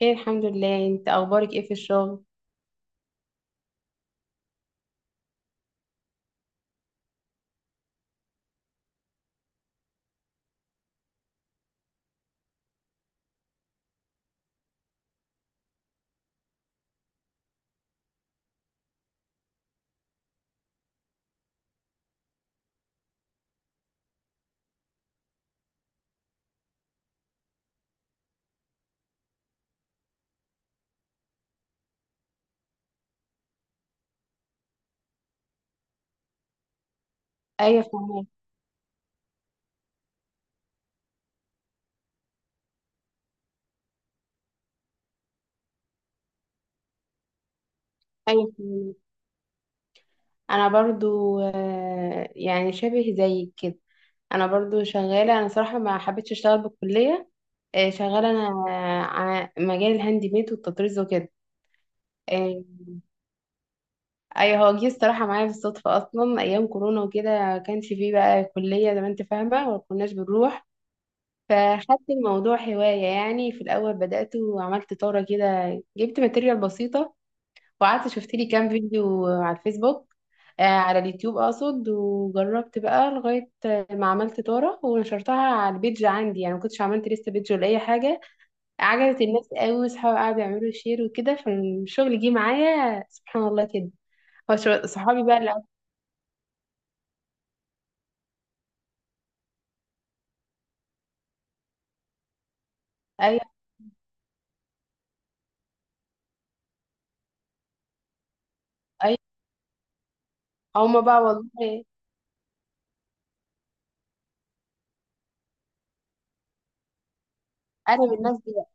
خير الحمد لله. انت اخبارك ايه في الشغل؟ ايوه فهمك. ايوه فهمك. انا برضو يعني شبه زيك كده. انا برضو شغاله. انا صراحه ما حبيتش اشتغل بالكليه. شغاله انا على مجال الهاند ميد والتطريز وكده. آه، ايوه هو جه الصراحه معايا بالصدفه اصلا ايام كورونا وكده، كانش فيه بقى كليه زي ما انت فاهمه وما كناش بنروح. فخدت الموضوع هوايه يعني. في الاول بدات وعملت طاره كده، جبت ماتيريال بسيطه وقعدت شفت لي كام فيديو على الفيسبوك، على اليوتيوب اقصد، وجربت بقى لغايه ما عملت طاره ونشرتها على البيج عندي. يعني ما كنتش عملت لسه بيج ولا اي حاجه. عجبت الناس قوي واصحابي قعدوا يعملوا شير وكده، فالشغل جه معايا سبحان الله كده. صحابي بقى ايوه ايوه. هما بقى والله انا من الناس دي بقى.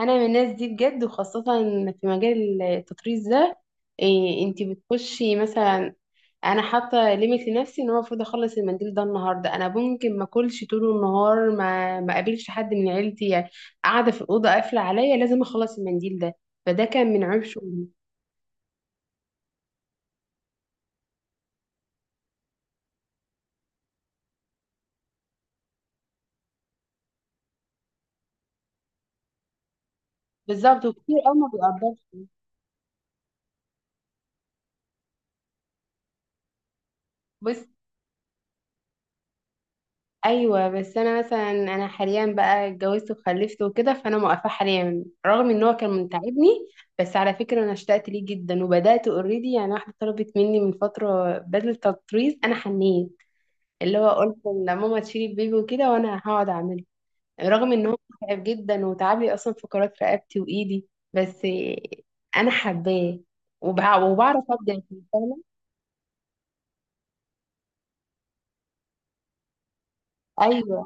انا من الناس دي بجد، وخاصه في مجال التطريز ده. إيه انت بتخشي مثلا؟ انا حاطه ليميت لنفسي ان انا المفروض اخلص المنديل ده النهارده، انا ممكن ما اكلش طول النهار، ما اقابلش حد من عيلتي يعني، قاعده في الاوضه قافله عليا، لازم اخلص المنديل ده. فده كان من عيب شغلي. بالظبط، وكتير قوي ما بيقدرش. بص، ايوه بس انا مثلا انا حاليا بقى اتجوزت وخلفت وكده، فانا موقفه حاليا رغم ان هو كان متعبني. بس على فكره انا اشتقت ليه جدا وبدات اوريدي يعني. واحده طلبت مني من فتره بدله تطريز، انا حنيت. اللي هو قلت لماما تشيل البيبي وكده وانا هقعد اعمله. رغم ان هو متعب جدا وتعب لي اصلا فقرات رقبتي وايدي، بس انا حباه وبعرف ابدع فيه، فاهمه. ايوه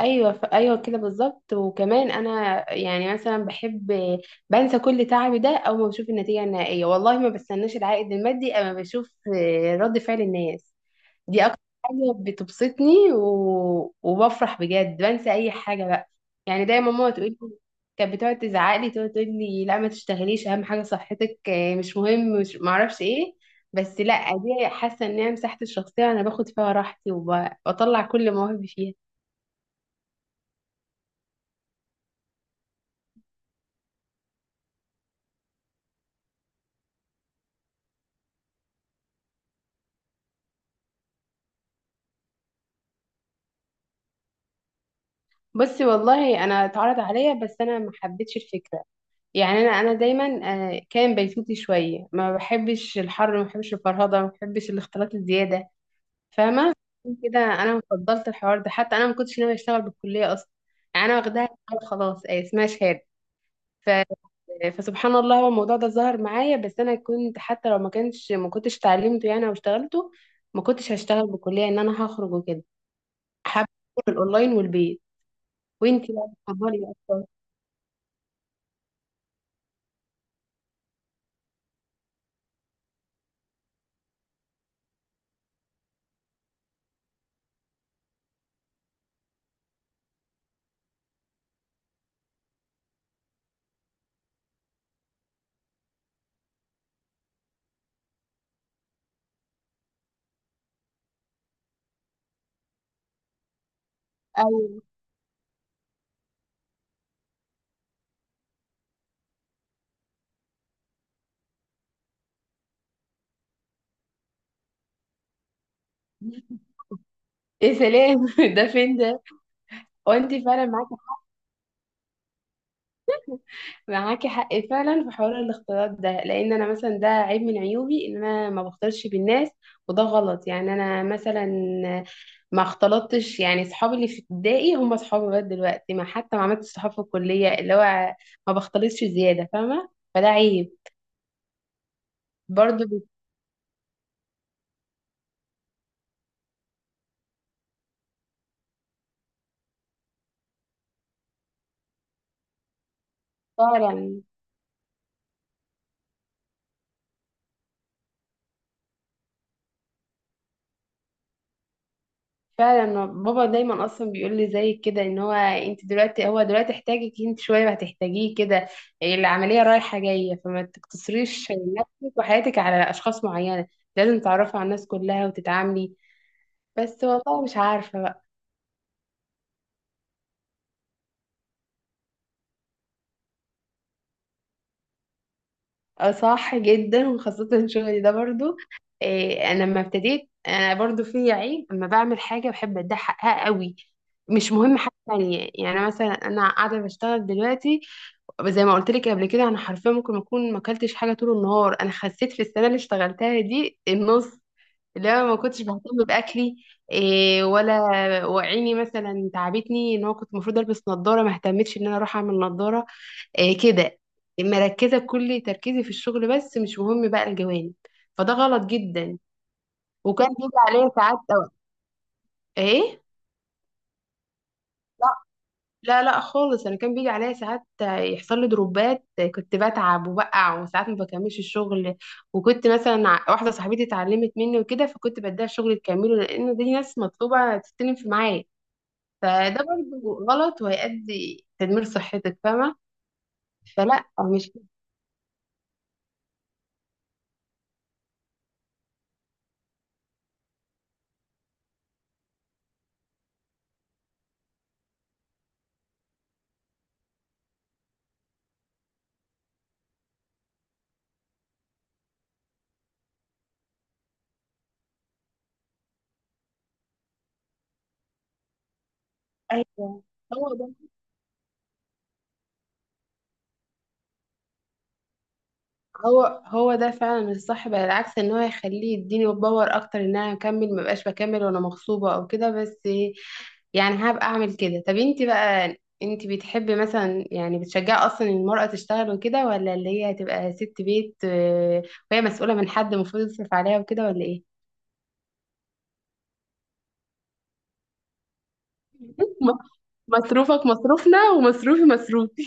ايوه ايوه كده بالظبط. وكمان انا يعني مثلا بحب بنسى كل تعبي ده اول ما بشوف النتيجه النهائيه. والله ما بستناش العائد المادي اما بشوف رد فعل الناس. دي اكتر حاجة بتبسطني، و... وبفرح بجد بنسى اي حاجة بقى. يعني دايما ماما تقول لي، كانت بتقعد تزعق لي، تقعد تقول لي لا ما تشتغليش، اهم حاجة صحتك، مش مهم، مش ما اعرفش ايه. بس لا، دي حاسة ان هي مساحتي الشخصية، انا باخد فيها راحتي وبطلع كل مواهبي فيها. بصي والله انا اتعرض عليا بس انا ما حبيتش الفكرة. يعني انا دايما كان بيتوتي شوية، ما بحبش الحر، ما بحبش الفرهدة، ما بحبش الاختلاط الزيادة، فاهمة. عشان كده أنا فضلت الحوار ده. حتى أنا ما كنتش ناوية أشتغل بالكلية أصلا. يعني أنا واخداها شهادة خلاص، أي اسمها شهادة. ف... فسبحان الله هو الموضوع ده ظهر معايا، بس أنا كنت حتى لو ما كانش ما كنتش اتعلمته يعني أو اشتغلته. ما كنتش هشتغل بالكلية إن أنا هخرج وكده. حابة أكون الأونلاين والبيت. وأنتي بقى بتفضلي أكتر؟ أيوه، يا سلام ده فين ده؟ وأنتي فعلا معاكي، معاكي حق فعلا في حوار الاختلاط ده. لان انا مثلا ده عيب من عيوبي ان انا ما بختلطش بالناس، وده غلط. يعني انا مثلا ما اختلطتش يعني، صحابي اللي في ابتدائي هم صحابي لغايه دلوقتي، ما حتى ما عملتش صحاب في الكليه، اللي هو ما بختلطش زياده فاهمه، فده عيب. برضه فعلا. فعلا، بابا دايما اصلا بيقول لي زي كده، ان هو انت دلوقتي دلوقتي احتاجك انت، شويه هتحتاجيه كده، العمليه رايحه جايه، فما تقتصريش نفسك وحياتك على اشخاص معينه، لازم تعرفي على الناس كلها وتتعاملي. بس والله مش عارفه بقى. آه، صح جدا، وخاصه شغلي ده برضو. إيه انا لما ابتديت انا برضو في عيب، اما بعمل حاجه بحب اديها حقها قوي، مش مهم حاجه تانية. يعني مثلا انا قاعده بشتغل دلوقتي، زي ما قلت لك قبل كده، انا حرفيا ممكن اكون ما اكلتش حاجه طول النهار. انا خسيت في السنه اللي اشتغلتها دي النص، اللي انا ما كنتش بهتم باكلي إيه ولا. وعيني مثلا تعبتني، ان هو كنت المفروض البس نظاره ما اهتمتش ان انا اروح اعمل نظاره، إيه كده، مركزه كل تركيزي في الشغل، بس مش مهم بقى الجوانب. فده غلط جدا. وكان بيجي عليا ساعات أو ايه، لا لا خالص. انا كان بيجي عليا ساعات يحصل لي دروبات، كنت بتعب وبقع، وساعات ما بكملش الشغل. وكنت مثلا واحده صاحبتي اتعلمت مني وكده، فكنت بديها الشغل تكمله، لان دي ناس مطلوبه تستلم في معايا. فده برضه غلط، وهيؤدي تدمير صحتك فاهمه. فلا، مش ايوه. هو ده، هو ده فعلا الصح بقى، العكس ان هو يخليه يديني باور اكتر ان انا اكمل، ما بقاش بكمل وانا مغصوبه او كده. بس يعني هبقى اعمل كده. طب انت بقى، انت بتحبي مثلا يعني بتشجعي اصلا المرأة تشتغل وكده، ولا اللي هي تبقى ست بيت، وهي مسؤولة من حد المفروض يصرف عليها وكده، ولا ايه؟ م- مصروفك مصروفنا ومصروفي مصروفي.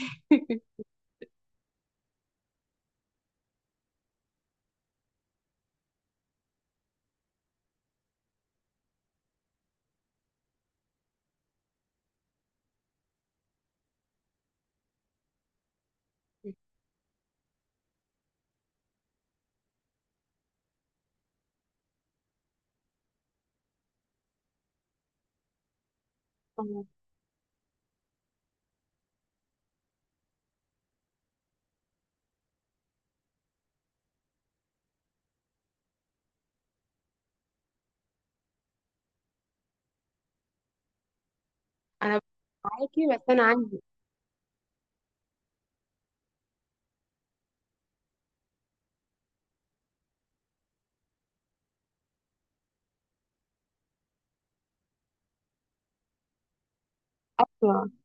انا معاكي، بس انا عندي،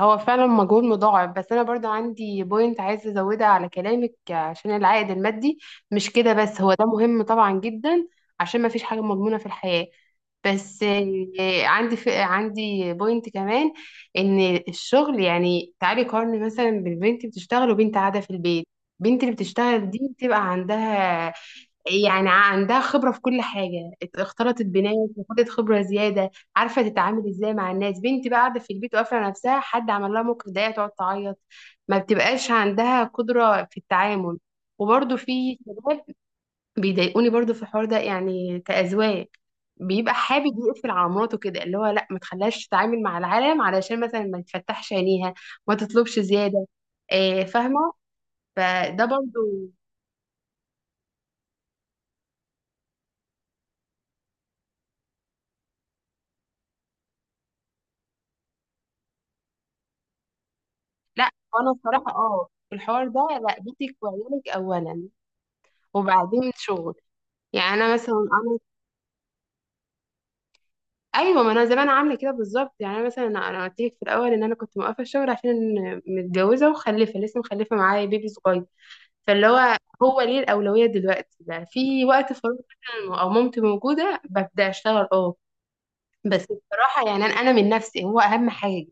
هو فعلا مجهود مضاعف، بس انا برضو عندي بوينت عايزه ازودها على كلامك. عشان العائد المادي مش كده بس، هو ده مهم طبعا جدا، عشان ما فيش حاجه مضمونه في الحياه. بس عندي ف... عندي بوينت كمان، ان الشغل يعني، تعالي قارني مثلا بالبنت بتشتغل وبنت قاعده في البيت. البنت اللي بتشتغل دي بتبقى عندها يعني عندها خبرة في كل حاجة، اختلطت بناس وخدت خبرة زيادة، عارفة تتعامل ازاي مع الناس. بنتي بقى قاعدة في البيت وقافلة نفسها، حد عمل لها موقف ضيق تقعد تعيط، ما بتبقاش عندها قدرة في التعامل. وبرضه في شباب بيضايقوني برضه في الحوار ده، يعني كأزواج بيبقى حابب يقفل على مراته كده، اللي هو لا ما تخليهاش تتعامل مع العالم علشان مثلا ما تفتحش عينيها، ما تطلبش زيادة، آه، فاهمة. فده برضه لا. وانا الصراحه اه في الحوار ده لا، بيتك وعيالك اولا وبعدين شغل. يعني انا مثلا انا ايوه، ما انا زمان عامله كده بالظبط. يعني انا مثلا انا قلت لك في الاول ان انا كنت موقفه الشغل، عشان متجوزه ومخلفه، لسه مخلفه معايا بيبي صغير، فاللي هو هو ليه الاولويه دلوقتي. ده في وقت فراغ مثلا او مامتي موجوده ببدا اشتغل اه. بس بصراحه يعني أنا من نفسي هو اهم حاجه.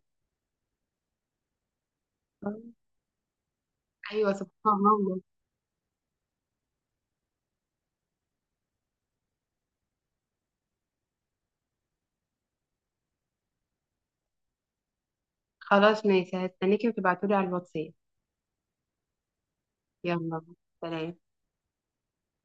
ايوه سبحان الله. خلاص ماشي هستنيكي وتبعتولي على الواتساب. يلا، سلام.